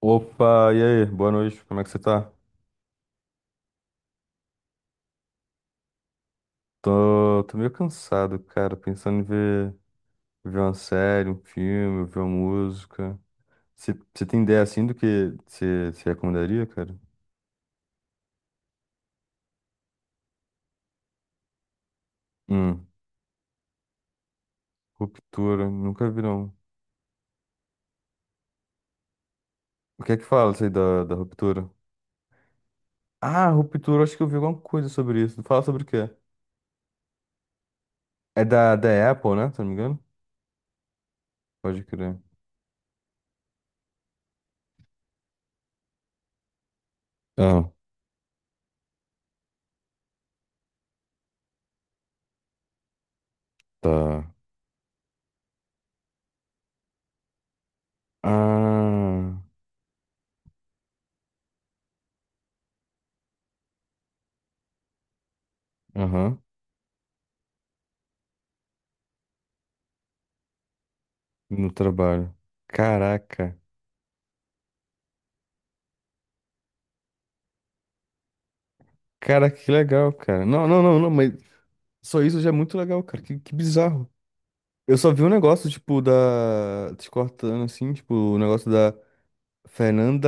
Opa, e aí? Boa noite, como é que você tá? Tô meio cansado, cara, pensando em ver uma série, um filme, ver uma música. Você tem ideia assim do que você recomendaria, cara? Hum, Ruptura, nunca vi não. O que é que fala isso aí da Ruptura? Ah, Ruptura, acho que eu vi alguma coisa sobre isso. Fala sobre o quê? É da Apple, né? Se não me engano? Pode crer. Ah, tá. Ah, aham, no trabalho. Caraca. Cara, que legal, cara. Não, mas só isso já é muito legal, cara. Que bizarro. Eu só vi um negócio, tipo, da. Te cortando assim, tipo, o negócio da Fernanda.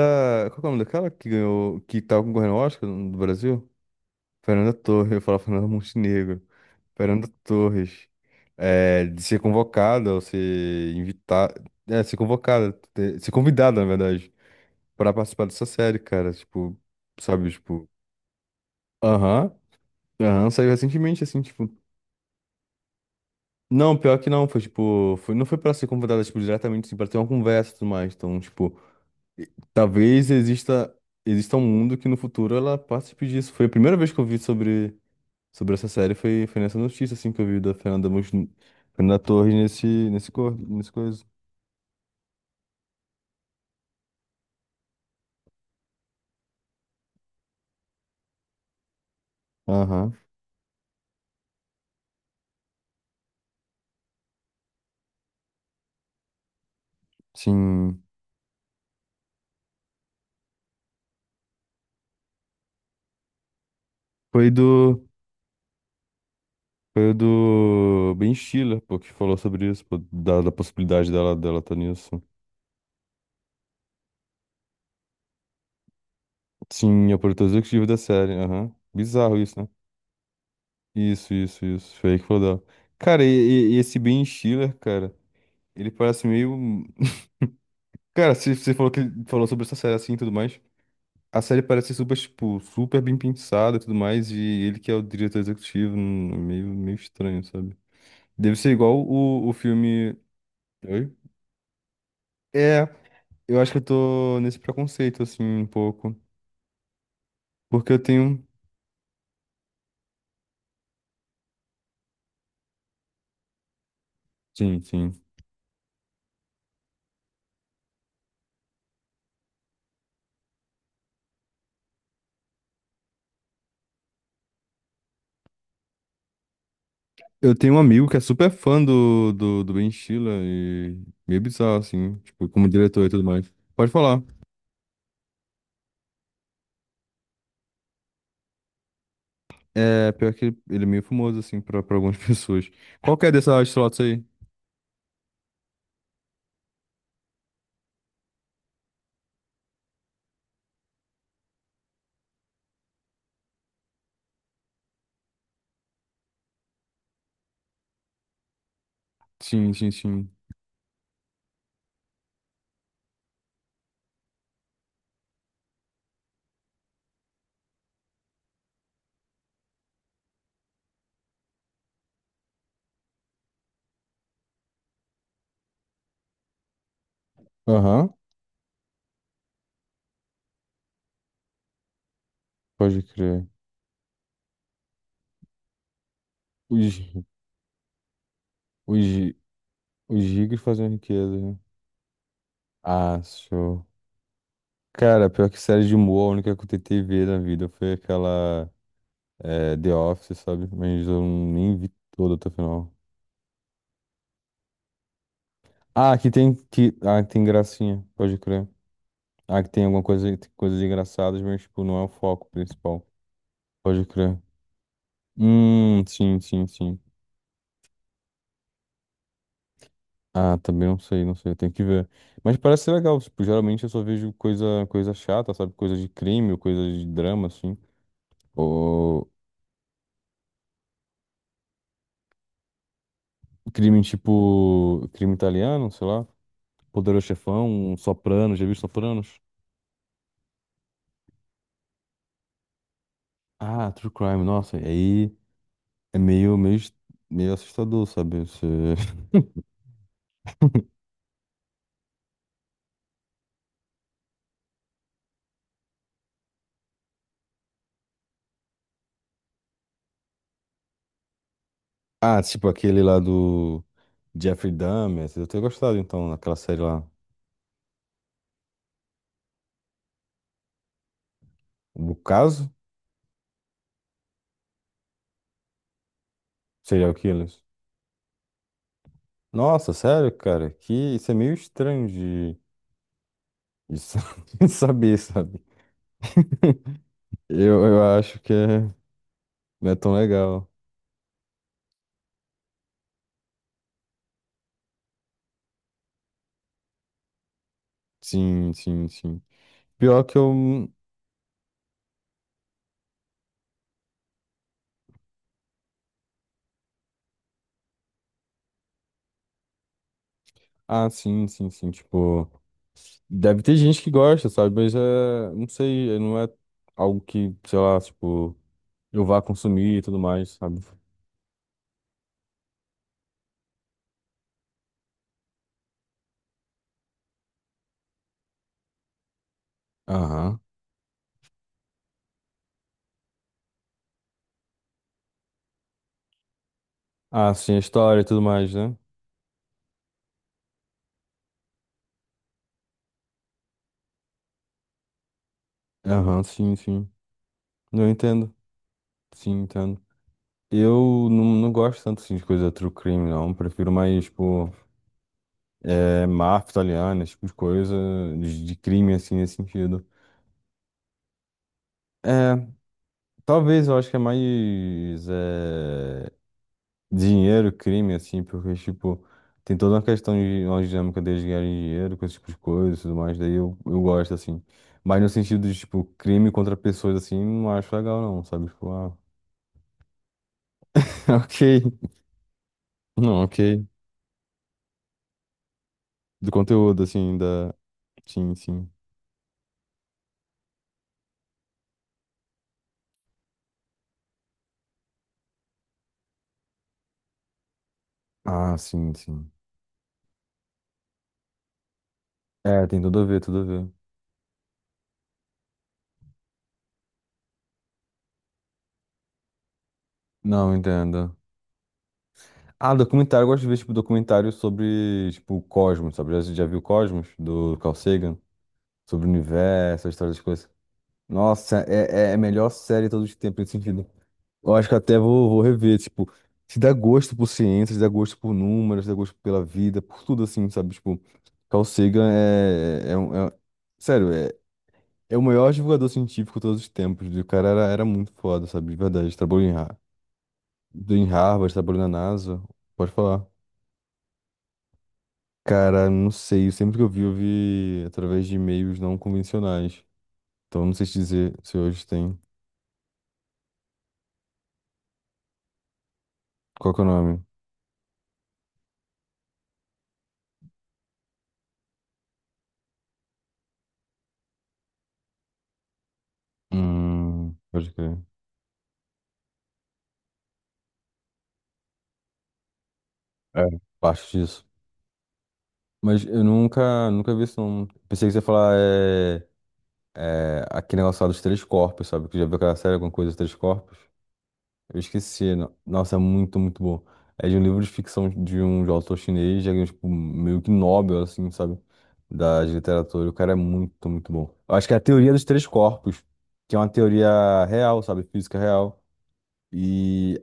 Qual que é o nome daquela que ganhou? Que tava concorrendo ao Oscar do Brasil? Fernanda Torres, eu falava Fernanda Montenegro. Fernanda Torres. É, de ser convocada ou ser invitada. É, ser convocada, ser convidada, na verdade, pra participar dessa série, cara. Tipo, sabe, tipo. Aham. Aham, saiu recentemente, assim, tipo. Não, pior que não, foi tipo, foi, não foi pra ser convidada, tipo, diretamente, assim, pra ter uma conversa e tudo mais. Então, tipo, e- talvez exista um mundo que no futuro ela participe disso. Foi a primeira vez que eu vi sobre essa série, foi nessa notícia, assim, que eu vi da Fernanda, Fernanda Torres nesse coisa. Aham, sim. Foi foi do Ben Stiller, pô, que falou sobre isso, pô, da possibilidade dela tá nisso. Sim, é o produtor executivo da série, aham. Bizarro isso, né? Isso, isso, isso. Foi aí que falou dela. Cara, e esse Ben Stiller, cara, ele parece meio. Cara, se você falou que falou sobre essa série assim e tudo mais. A série parece super, tipo, super bem pensada e tudo mais. E ele que é o diretor executivo, é meio estranho, sabe? Deve ser igual o filme. Oi? É, eu acho que eu tô nesse preconceito, assim, um pouco. Porque eu tenho. Sim, sim. Eu tenho um amigo que é super fã do Ben Stiller e meio bizarro, assim, tipo, como diretor e tudo mais. Pode falar. É, pior que ele é meio famoso, assim, pra algumas pessoas. Qual que é dessa slots aí? Sim, sim, sim. Aham, pode crer. Os, os, os ricos fazem riqueza, né? Ah, show. Cara, pior que série de humor, a única que eu tentei ver na vida foi aquela The Office, sabe? Mas eu nem vi toda até o final. Ah, aqui tem, tem gracinha, pode crer. Ah, que tem alguma coisa, coisas engraçadas, mas, tipo, não é o foco principal. Pode crer. Sim, sim, sim. Ah, também não sei, não sei, tem que ver. Mas parece ser legal, tipo, geralmente eu só vejo coisa chata, sabe? Coisa de crime ou coisa de drama, assim. Ou crime, tipo, crime italiano, sei lá. Poderoso Chefão, um Sopranos, já viu Sopranos? Ah, True Crime, nossa, e aí é meio assustador, sabe? Ah, tipo aquele lá do Jeffrey Dahmer. Eu tenho gostado, então, daquela série lá. O caso? Serial Killers. Nossa, sério, cara? Que isso é meio estranho de de saber, sabe? Eu acho que é... não é tão legal. Sim, sim, sim. Pior que eu... Ah, sim, sim, sim. Tipo, deve ter gente que gosta, sabe? Mas é... Não sei, não é algo que, sei lá, tipo, eu vá consumir e tudo mais, sabe? Aham. Ah, sim, a história e tudo mais, né? Aham, sim, sim. Eu entendo. Sim, entendo. Eu não, não gosto tanto assim, de coisa true crime, não. Prefiro mais, tipo, é, máfia italiana, esse tipo de coisa, de crime, assim, nesse sentido. É, talvez eu acho que é mais dinheiro, crime, assim, porque, tipo, tem toda uma questão de uma dinâmica deles ganharem dinheiro com esse tipo de coisa e tudo mais, daí eu gosto, assim. Mas no sentido de, tipo, crime contra pessoas, assim, não acho legal, não, sabe? Tipo, ah, ok. Não, ok. Do conteúdo, assim, da. Sim, sim. Ah, sim, sim. É, tem tudo a ver, tudo a ver. Não, entendo. Ah, documentário, eu gosto de ver, tipo, documentário sobre, tipo, o Cosmos, sabe? Já viu Cosmos, do Carl Sagan? Sobre o universo, a história das coisas. Nossa, é a melhor série de todos os tempos nesse sentido. Eu acho que até vou rever, tipo, se dá gosto por ciência, se dá gosto por números, se dá gosto pela vida, por tudo assim, sabe? Tipo, Carl Sagan um, Sério, é, É o maior divulgador científico de todos os tempos. E o cara era muito foda, sabe? De verdade. Trabalhou em Harvard, trabalhou na NASA. Pode falar. Cara, não sei. Sempre que eu vi através de e-mails não convencionais. Então, não sei te dizer se hoje tem. Qual que é o nome? Pode crer. É, acho disso. Mas eu nunca vi isso, não. Pensei que você ia falar aquele negócio lá dos três corpos, sabe? Que já viu aquela série, alguma coisa dos três corpos? Eu esqueci. Nossa, é muito bom. É de um livro de ficção de um autor chinês, já ganhou, tipo, meio que Nobel, assim, sabe? Da de literatura. O cara é muito bom. Eu acho que é a teoria dos três corpos, que é uma teoria real, sabe? Física real. E.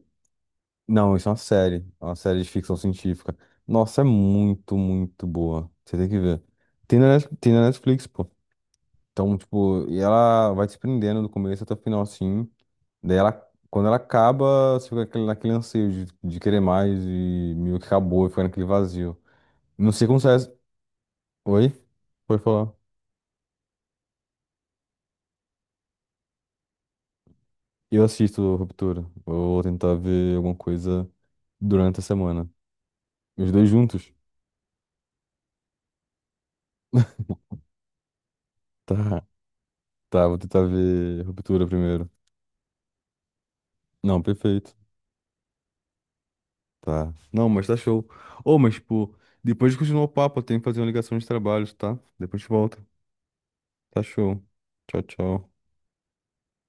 Não, isso é uma série. É uma série de ficção científica. Nossa, é muito boa. Você tem que ver. Tem na Netflix, pô. Então, tipo, e ela vai te prendendo do começo até o final, assim. Daí ela, quando ela acaba, você fica naquele anseio de querer mais e meio que acabou e fica naquele vazio. Não sei como sai. Oi? Pode falar. Eu assisto Ruptura. Eu vou tentar ver alguma coisa durante a semana. Os dois juntos? Tá. Tá, vou tentar ver Ruptura primeiro. Não, perfeito. Tá. Não, mas tá show. Ô, mas, tipo, depois de continuar o papo, eu tenho que fazer uma ligação de trabalhos, tá? Depois a gente volta. Tá show. Tchau, tchau.